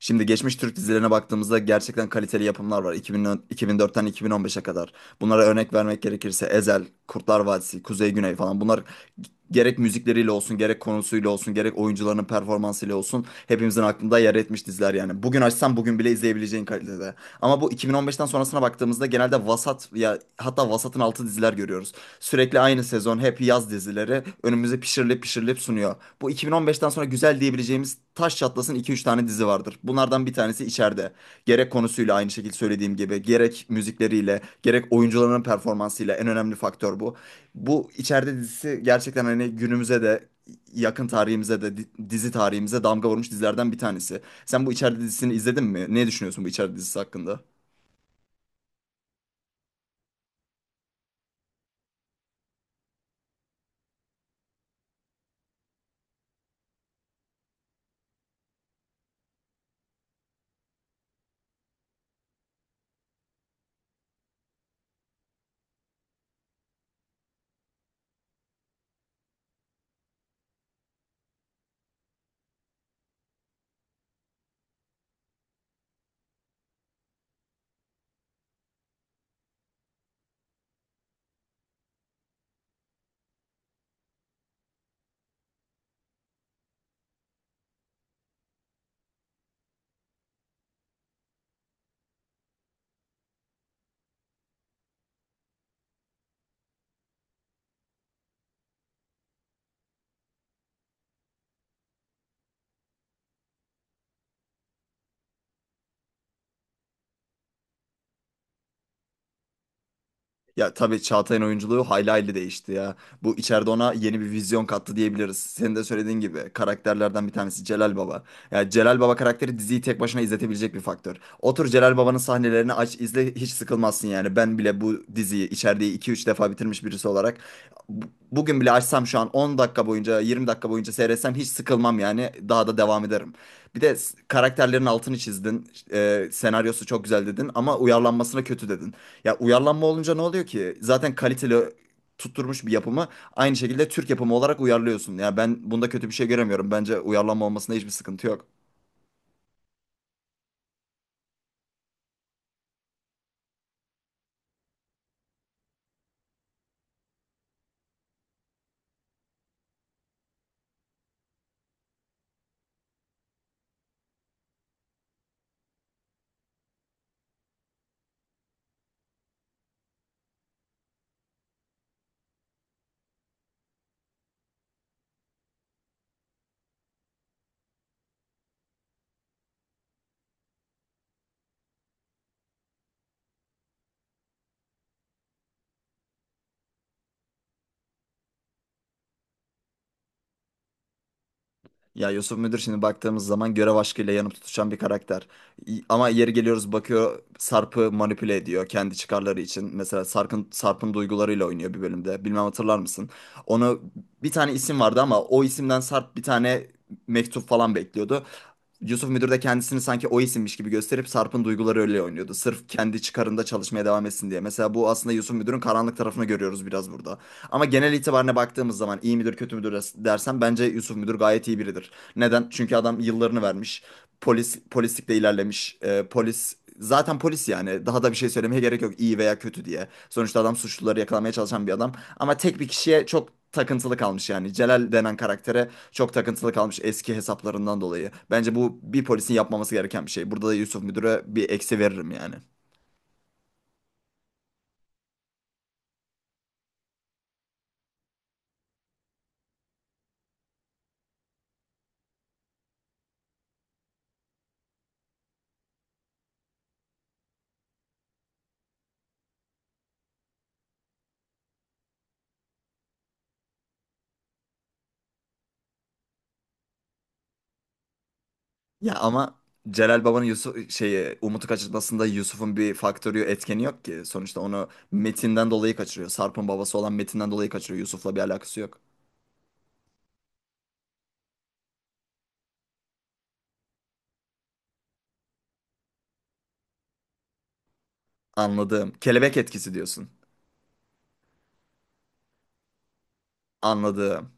Şimdi geçmiş Türk dizilerine baktığımızda gerçekten kaliteli yapımlar var. 2000, 2004'ten 2015'e kadar. Bunlara örnek vermek gerekirse Ezel, Kurtlar Vadisi, Kuzey Güney falan. Bunlar gerek müzikleriyle olsun, gerek konusuyla olsun, gerek oyuncularının performansıyla olsun hepimizin aklında yer etmiş diziler yani. Bugün açsan bugün bile izleyebileceğin kalitede. Ama bu 2015'ten sonrasına baktığımızda genelde vasat ya hatta vasatın altı diziler görüyoruz. Sürekli aynı sezon hep yaz dizileri önümüze pişirilip pişirilip sunuyor. Bu 2015'ten sonra güzel diyebileceğimiz taş çatlasın 2-3 tane dizi vardır. Bunlardan bir tanesi içeride. Gerek konusuyla aynı şekilde söylediğim gibi, gerek müzikleriyle, gerek oyuncuların performansıyla en önemli faktör bu. Bu içeride dizisi gerçekten hani günümüze de yakın tarihimize de dizi tarihimize damga vurmuş dizilerden bir tanesi. Sen bu içeride dizisini izledin mi? Ne düşünüyorsun bu içeride dizisi hakkında? Ya tabii Çağatay'ın oyunculuğu hayli hayli değişti ya. Bu içeride ona yeni bir vizyon kattı diyebiliriz. Senin de söylediğin gibi karakterlerden bir tanesi Celal Baba. Ya Celal Baba karakteri diziyi tek başına izletebilecek bir faktör. Otur Celal Baba'nın sahnelerini aç izle hiç sıkılmazsın yani. Ben bile bu diziyi içeride iki üç defa bitirmiş birisi olarak bu- bugün bile açsam şu an 10 dakika boyunca 20 dakika boyunca seyretsem hiç sıkılmam yani. Daha da devam ederim. Bir de karakterlerin altını çizdin. Senaryosu çok güzel dedin ama uyarlanmasına kötü dedin. Ya uyarlanma olunca ne oluyor ki? Zaten kaliteli tutturmuş bir yapımı aynı şekilde Türk yapımı olarak uyarlıyorsun. Ya ben bunda kötü bir şey göremiyorum. Bence uyarlanma olmasında hiçbir sıkıntı yok. Ya Yusuf Müdür şimdi baktığımız zaman görev aşkıyla yanıp tutuşan bir karakter. Ama yeri geliyoruz bakıyor Sarp'ı manipüle ediyor kendi çıkarları için. Mesela Sarp'ın duygularıyla oynuyor bir bölümde. Bilmem hatırlar mısın? Onu bir tane isim vardı ama o isimden Sarp bir tane mektup falan bekliyordu. Yusuf Müdür de kendisini sanki o isimmiş gibi gösterip Sarp'ın duyguları öyle oynuyordu. Sırf kendi çıkarında çalışmaya devam etsin diye. Mesela bu aslında Yusuf Müdür'ün karanlık tarafını görüyoruz biraz burada. Ama genel itibarına baktığımız zaman iyi midir kötü müdür dersen bence Yusuf Müdür gayet iyi biridir. Neden? Çünkü adam yıllarını vermiş polislikle ilerlemiş. Polis zaten polis yani daha da bir şey söylemeye gerek yok iyi veya kötü diye. Sonuçta adam suçluları yakalamaya çalışan bir adam ama tek bir kişiye çok takıntılı kalmış yani. Celal denen karaktere çok takıntılı kalmış eski hesaplarından dolayı. Bence bu bir polisin yapmaması gereken bir şey. Burada da Yusuf Müdür'e bir eksi veririm yani. Ya ama Celal Baba'nın Yusuf şeyi Umut'u kaçırmasında Yusuf'un bir faktörü etkeni yok ki. Sonuçta onu Metin'den dolayı kaçırıyor. Sarp'ın babası olan Metin'den dolayı kaçırıyor. Yusuf'la bir alakası yok. Anladım. Kelebek etkisi diyorsun. Anladım.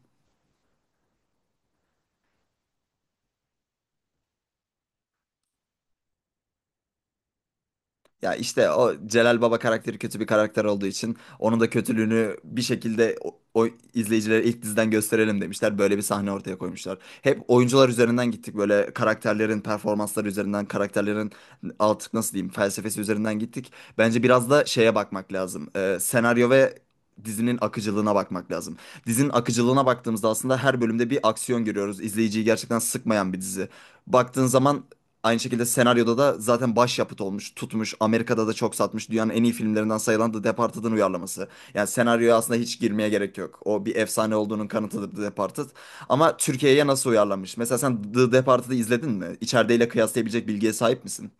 Ya işte o Celal Baba karakteri kötü bir karakter olduğu için onun da kötülüğünü bir şekilde o izleyicilere ilk diziden gösterelim demişler. Böyle bir sahne ortaya koymuşlar. Hep oyuncular üzerinden gittik. Böyle karakterlerin performansları üzerinden, karakterlerin artık nasıl diyeyim felsefesi üzerinden gittik. Bence biraz da şeye bakmak lazım. Senaryo ve dizinin akıcılığına bakmak lazım. Dizinin akıcılığına baktığımızda aslında her bölümde bir aksiyon görüyoruz. İzleyiciyi gerçekten sıkmayan bir dizi. Baktığın zaman aynı şekilde senaryoda da zaten başyapıt olmuş, tutmuş. Amerika'da da çok satmış. Dünyanın en iyi filmlerinden sayılan The Departed'ın uyarlaması. Yani senaryoya aslında hiç girmeye gerek yok. O bir efsane olduğunun kanıtıdır The Departed. Ama Türkiye'ye nasıl uyarlanmış? Mesela sen The Departed'ı izledin mi? İçerideyle kıyaslayabilecek bilgiye sahip misin?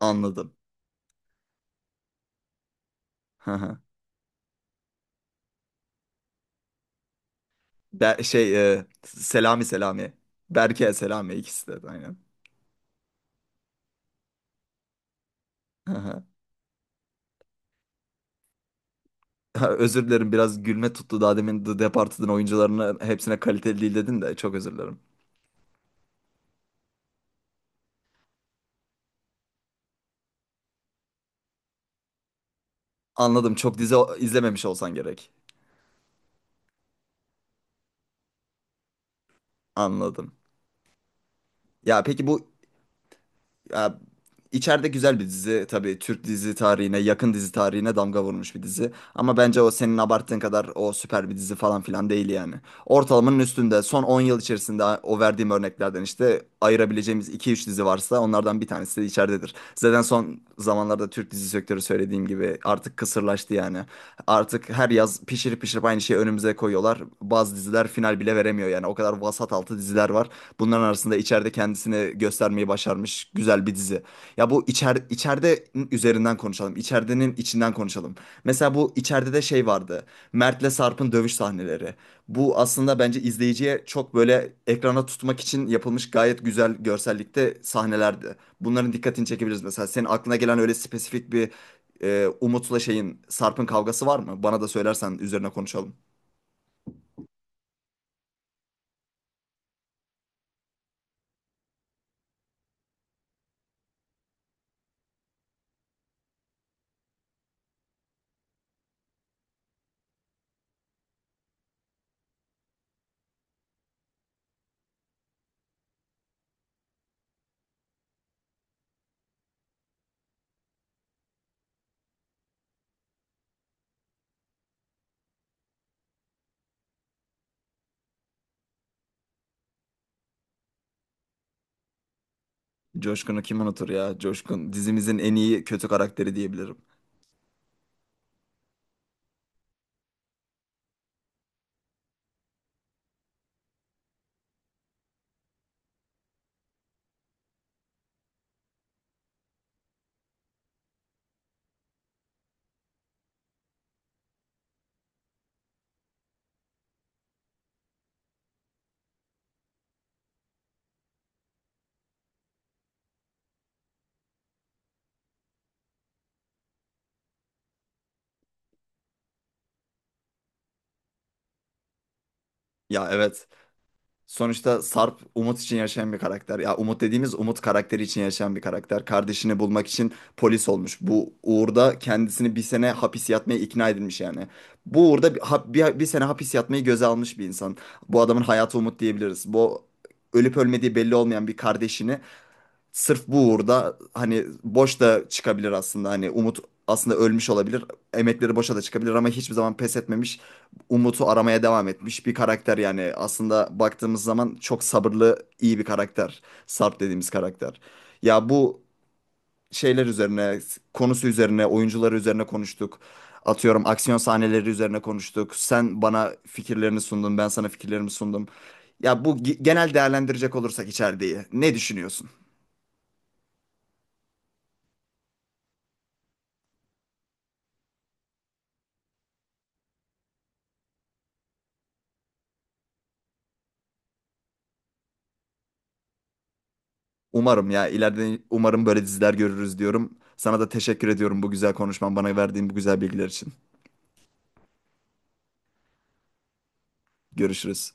Anladım. Hı hı. Şey, Selami. Berke Selami ikisi de aynen. Hı hı. Ha, özür dilerim biraz gülme tuttu daha demin The Departed'ın oyuncularını hepsine kaliteli değil dedin de çok özür dilerim. Anladım. Çok dizi izlememiş olsan gerek. Anladım. Ya peki bu ya, içeride güzel bir dizi tabii Türk dizi tarihine yakın dizi tarihine damga vurmuş bir dizi. Ama bence o senin abarttığın kadar o süper bir dizi falan filan değil yani. Ortalamanın üstünde son 10 yıl içerisinde o verdiğim örneklerden işte ayırabileceğimiz iki üç dizi varsa onlardan bir tanesi de içeridedir. Zaten son zamanlarda Türk dizi sektörü söylediğim gibi artık kısırlaştı yani. Artık her yaz pişirip pişirip aynı şeyi önümüze koyuyorlar. Bazı diziler final bile veremiyor yani o kadar vasat altı diziler var. Bunların arasında içeride kendisini göstermeyi başarmış güzel bir dizi. Ya bu içeride üzerinden konuşalım. İçeridenin içinden konuşalım. Mesela bu içeride de şey vardı. Mert'le Sarp'ın dövüş sahneleri. Bu aslında bence izleyiciye çok böyle ekrana tutmak için yapılmış gayet güzel görsellikte sahnelerdi. Bunların dikkatini çekebiliriz mesela. Senin aklına gelen öyle spesifik bir Umut'la şeyin Sarp'ın kavgası var mı? Bana da söylersen üzerine konuşalım. Coşkun'u kim unutur ya? Coşkun dizimizin en iyi kötü karakteri diyebilirim. Ya evet. Sonuçta Sarp Umut için yaşayan bir karakter. Ya Umut dediğimiz Umut karakteri için yaşayan bir karakter. Kardeşini bulmak için polis olmuş. Bu uğurda kendisini bir sene hapis yatmaya ikna edilmiş yani. Bu uğurda bir sene hapis yatmayı göze almış bir insan. Bu adamın hayatı Umut diyebiliriz. Bu ölüp ölmediği belli olmayan bir kardeşini sırf bu uğurda hani boş da çıkabilir aslında. Hani Umut aslında ölmüş olabilir. Emekleri boşa da çıkabilir ama hiçbir zaman pes etmemiş. Umut'u aramaya devam etmiş bir karakter yani. Aslında baktığımız zaman çok sabırlı, iyi bir karakter. Sarp dediğimiz karakter. Ya bu şeyler üzerine, konusu üzerine, oyuncuları üzerine konuştuk. Atıyorum aksiyon sahneleri üzerine konuştuk. Sen bana fikirlerini sundun, ben sana fikirlerimi sundum. Ya bu genel değerlendirecek olursak içeriği ne düşünüyorsun? Umarım ya ileride umarım böyle diziler görürüz diyorum. Sana da teşekkür ediyorum bu güzel konuşman, bana verdiğin bu güzel bilgiler için. Görüşürüz.